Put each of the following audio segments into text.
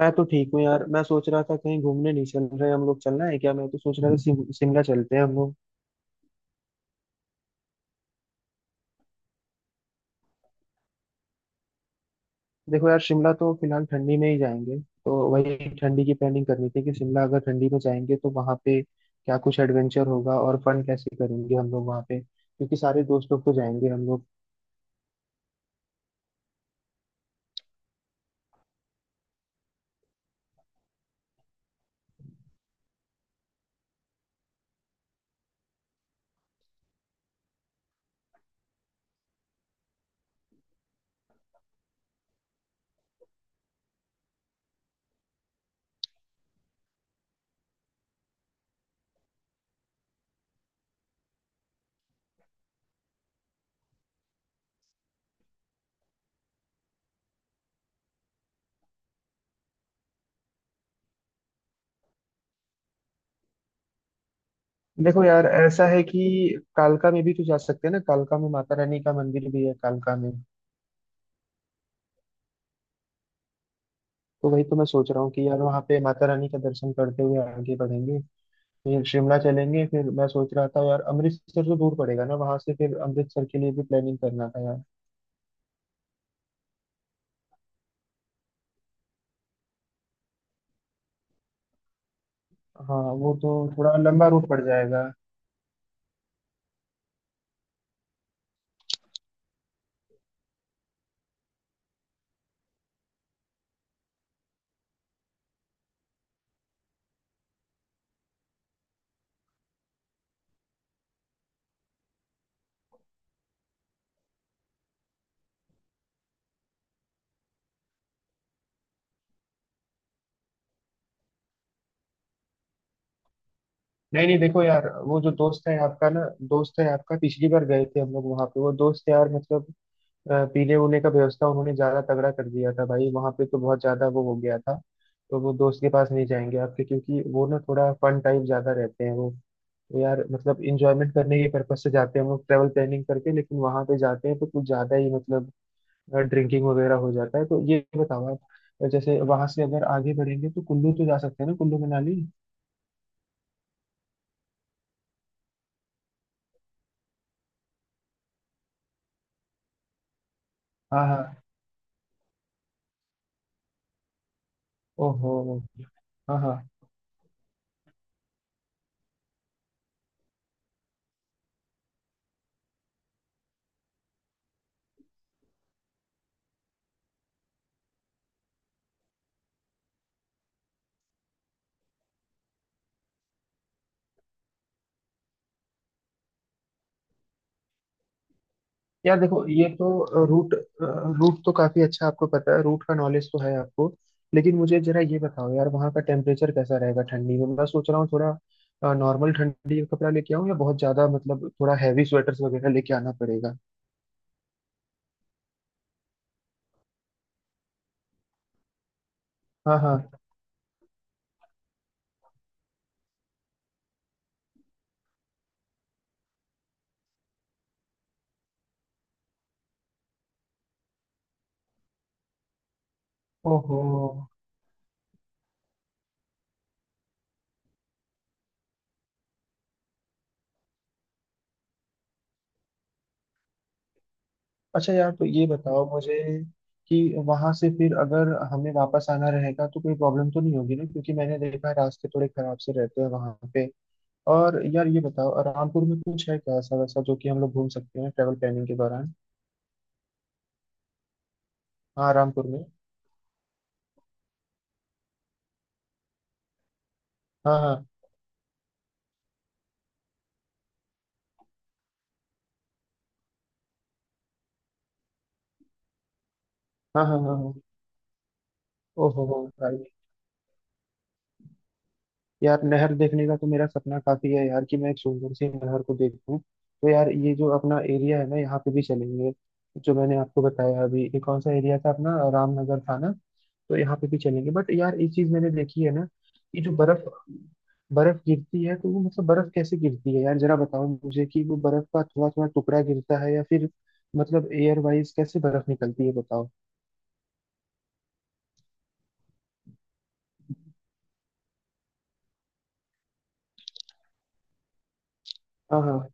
मैं तो ठीक हूँ यार। मैं सोच रहा था, कहीं घूमने नहीं चल रहे हम लोग। चलना है क्या? मैं तो सोच रहा था शिमला चलते हैं हम लोग। देखो यार, शिमला तो फिलहाल ठंडी में ही जाएंगे। तो वही ठंडी की प्लानिंग करनी थी कि शिमला अगर ठंडी में जाएंगे तो वहाँ पे क्या कुछ एडवेंचर होगा और फन कैसे करेंगे हम लोग वहाँ पे, क्योंकि सारे दोस्त लोग तो जाएंगे हम लोग। देखो यार, ऐसा है कि कालका में भी तो जा सकते हैं ना। कालका में माता रानी का मंदिर भी है कालका में। तो वही तो मैं सोच रहा हूँ कि यार वहाँ पे माता रानी का दर्शन करते हुए आगे बढ़ेंगे, फिर शिमला चलेंगे। फिर मैं सोच रहा था यार, अमृतसर तो दूर पड़ेगा ना वहां से। फिर अमृतसर के लिए भी प्लानिंग करना था यार। हाँ, वो तो थोड़ा लंबा रूट पड़ जाएगा। नहीं नहीं, देखो यार, वो जो दोस्त है आपका ना, दोस्त है आपका, पिछली बार गए थे हम लोग वहां पे, वो दोस्त यार, मतलब पीने उने का व्यवस्था उन्होंने ज्यादा तगड़ा कर दिया था भाई। वहां पे तो बहुत ज्यादा वो हो गया था। तो वो दोस्त के पास नहीं जाएंगे आपके, क्योंकि वो ना थोड़ा फन टाइप ज्यादा रहते हैं वो। तो यार, मतलब इंजॉयमेंट करने के पर्पज से जाते हैं हम लोग, ट्रेवल प्लानिंग करके, लेकिन वहां पे जाते हैं तो कुछ ज्यादा ही मतलब ड्रिंकिंग वगैरह हो जाता है। तो ये बताओ आप, जैसे वहां से अगर आगे बढ़ेंगे तो कुल्लू तो जा सकते हैं ना, कुल्लू मनाली। हाँ हाँ। ओहो। हाँ हाँ। यार देखो, ये तो रूट, रूट तो काफी अच्छा। आपको पता है, रूट का नॉलेज तो है आपको। लेकिन मुझे जरा ये बताओ यार, वहाँ का टेम्परेचर कैसा रहेगा ठंडी में? मैं सोच रहा हूँ थोड़ा नॉर्मल ठंडी का कपड़ा लेके आऊँ, या बहुत ज्यादा मतलब थोड़ा हैवी स्वेटर्स वगैरह लेके आना पड़ेगा? हाँ हाँ। ओहो। अच्छा यार, तो ये बताओ मुझे कि वहां से फिर अगर हमें वापस आना रहेगा तो कोई प्रॉब्लम तो नहीं होगी ना, क्योंकि मैंने देखा है रास्ते थोड़े खराब से रहते हैं वहां पे। और यार ये बताओ, रामपुर में कुछ है क्या ऐसा वैसा जो कि हम लोग घूम सकते हैं ट्रेवल प्लानिंग के दौरान? हाँ, रामपुर में। हाँ हाँ हाँ हाँ। हाँ हाँ। ओहो हो। यार नहर देखने का तो मेरा सपना काफी है यार, कि मैं एक सुंदर सी नहर को देखूं। तो यार ये जो अपना एरिया है ना, यहाँ पे भी चलेंगे। जो मैंने आपको बताया अभी, ये कौन सा एरिया था, अपना रामनगर था ना, तो यहाँ पे भी चलेंगे। बट यार एक चीज मैंने देखी है ना, कि जो बर्फ बर्फ गिरती है तो वो मतलब बर्फ कैसे गिरती है यार? जरा बताओ मुझे कि वो बर्फ का थोड़ा थोड़ा टुकड़ा गिरता है या फिर, मतलब एयर वाइज कैसे बर्फ निकलती है, बताओ। हाँ हाँ।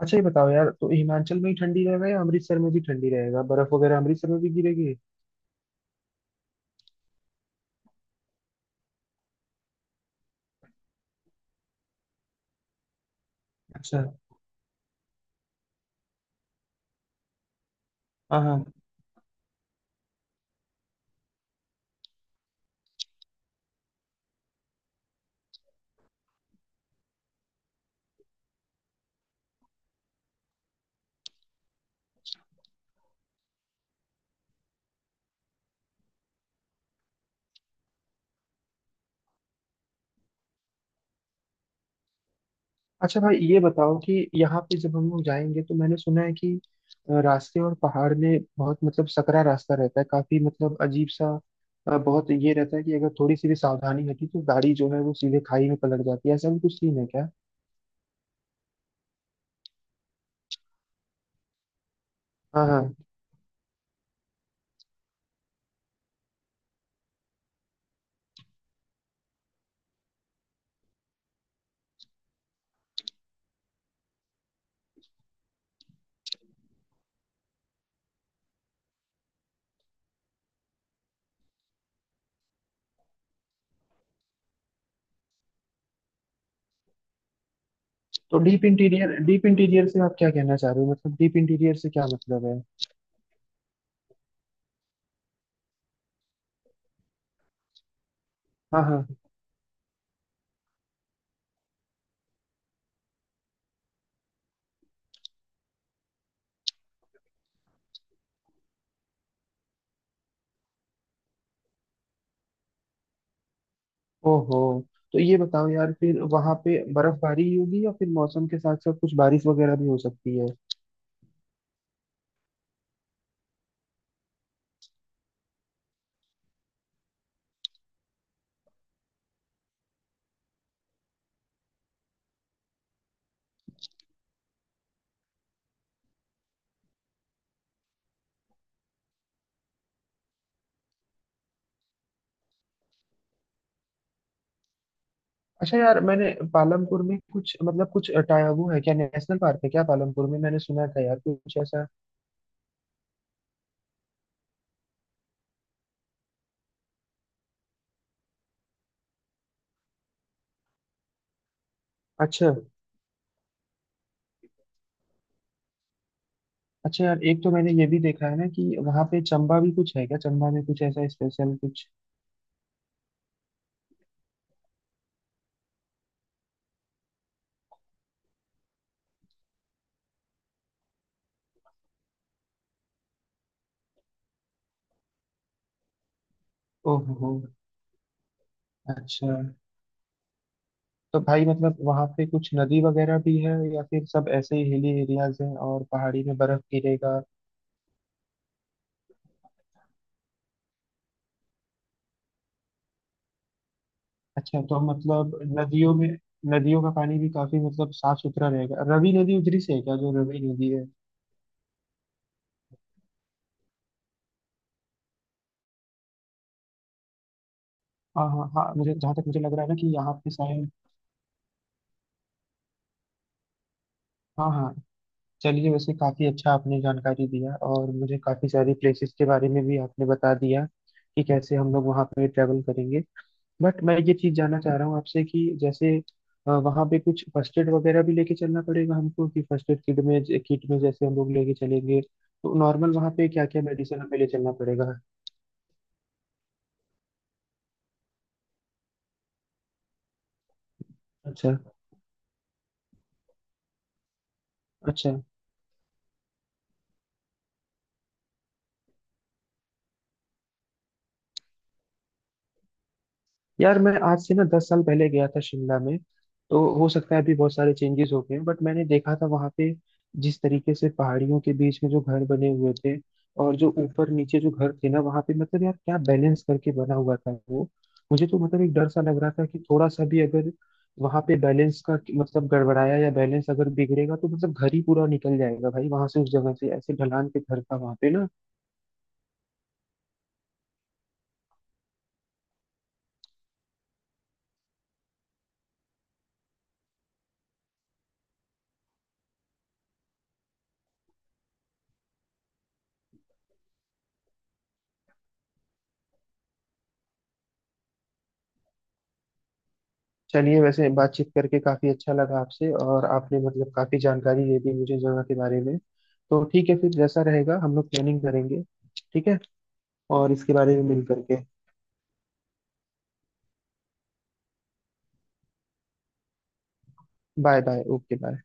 अच्छा ये बताओ यार, तो हिमाचल में ही ठंडी रहेगा या अमृतसर में भी ठंडी रहेगा? बर्फ वगैरह अमृतसर में भी गिरेगी? अच्छा। हाँ हाँ। अच्छा भाई ये बताओ कि यहाँ पे जब हम लोग जाएंगे तो मैंने सुना है कि रास्ते और पहाड़ में बहुत मतलब सकरा रास्ता रहता है, काफी मतलब अजीब सा। बहुत ये रहता है कि अगर थोड़ी सी भी सावधानी हटी तो गाड़ी जो है वो सीधे खाई में पलट जाती है, ऐसा भी कुछ सीन है क्या? हाँ हाँ। तो डीप इंटीरियर, डीप इंटीरियर से आप क्या कहना चाह रहे हो? मतलब डीप इंटीरियर से क्या मतलब है? हाँ हाँ। ओहो। तो ये बताओ यार, फिर वहां पे बर्फबारी ही होगी या फिर मौसम के साथ साथ कुछ बारिश वगैरह भी हो सकती है? अच्छा यार, मैंने पालमपुर में कुछ मतलब कुछ टाया वो है क्या, नेशनल पार्क है क्या पालमपुर में? मैंने सुना था यार कुछ ऐसा। अच्छा। अच्छा यार, एक तो मैंने ये भी देखा है ना कि वहां पे चंबा भी कुछ है क्या? चंबा में कुछ ऐसा स्पेशल कुछ? ओहो। अच्छा। तो भाई मतलब वहां पे कुछ नदी वगैरह भी है या फिर सब ऐसे ही हिली एरियाज हैं और पहाड़ी में बर्फ गिरेगा? अच्छा, तो मतलब नदियों में, नदियों का पानी भी काफी मतलब साफ सुथरा रहेगा? रवि नदी उधरी से है क्या, जो रवि नदी है? हाँ हाँ हाँ, मुझे जहाँ तक मुझे लग रहा है ना कि यहाँ पे शायद। हाँ हाँ। चलिए, वैसे काफी अच्छा आपने जानकारी दिया, और मुझे काफी सारी प्लेसेस के बारे में भी आपने बता दिया कि कैसे हम लोग वहाँ पे ट्रेवल करेंगे। बट मैं ये चीज जानना चाह रहा हूँ आपसे कि जैसे वहाँ पे कुछ फर्स्ट एड वगैरह भी लेके चलना पड़ेगा हमको? कि फर्स्ट एड किट में, किट में जैसे हम लोग लेके चलेंगे, तो नॉर्मल वहाँ पे क्या क्या मेडिसिन हमें ले चलना पड़ेगा? अच्छा। अच्छा यार, मैं आज से ना 10 साल पहले गया था शिमला में, तो हो सकता है अभी बहुत सारे चेंजेस हो गए हैं। बट मैंने देखा था वहाँ पे जिस तरीके से पहाड़ियों के बीच में जो घर बने हुए थे, और जो ऊपर नीचे जो घर थे ना वहाँ पे, मतलब यार क्या बैलेंस करके बना हुआ था वो। मुझे तो मतलब एक डर सा लग रहा था कि थोड़ा सा भी अगर वहाँ पे बैलेंस का मतलब गड़बड़ाया, या बैलेंस अगर बिगड़ेगा, तो मतलब घर ही पूरा निकल जाएगा भाई वहां से, उस जगह से। ऐसे ढलान के घर था वहाँ पे ना। चलिए, वैसे बातचीत करके काफी अच्छा लगा आपसे, और आपने मतलब काफी जानकारी दे दी मुझे जगह के बारे में। तो ठीक है, फिर जैसा रहेगा हम लोग प्लानिंग करेंगे। ठीक है। और इसके बारे में मिल करके। Bye bye. Okay bye.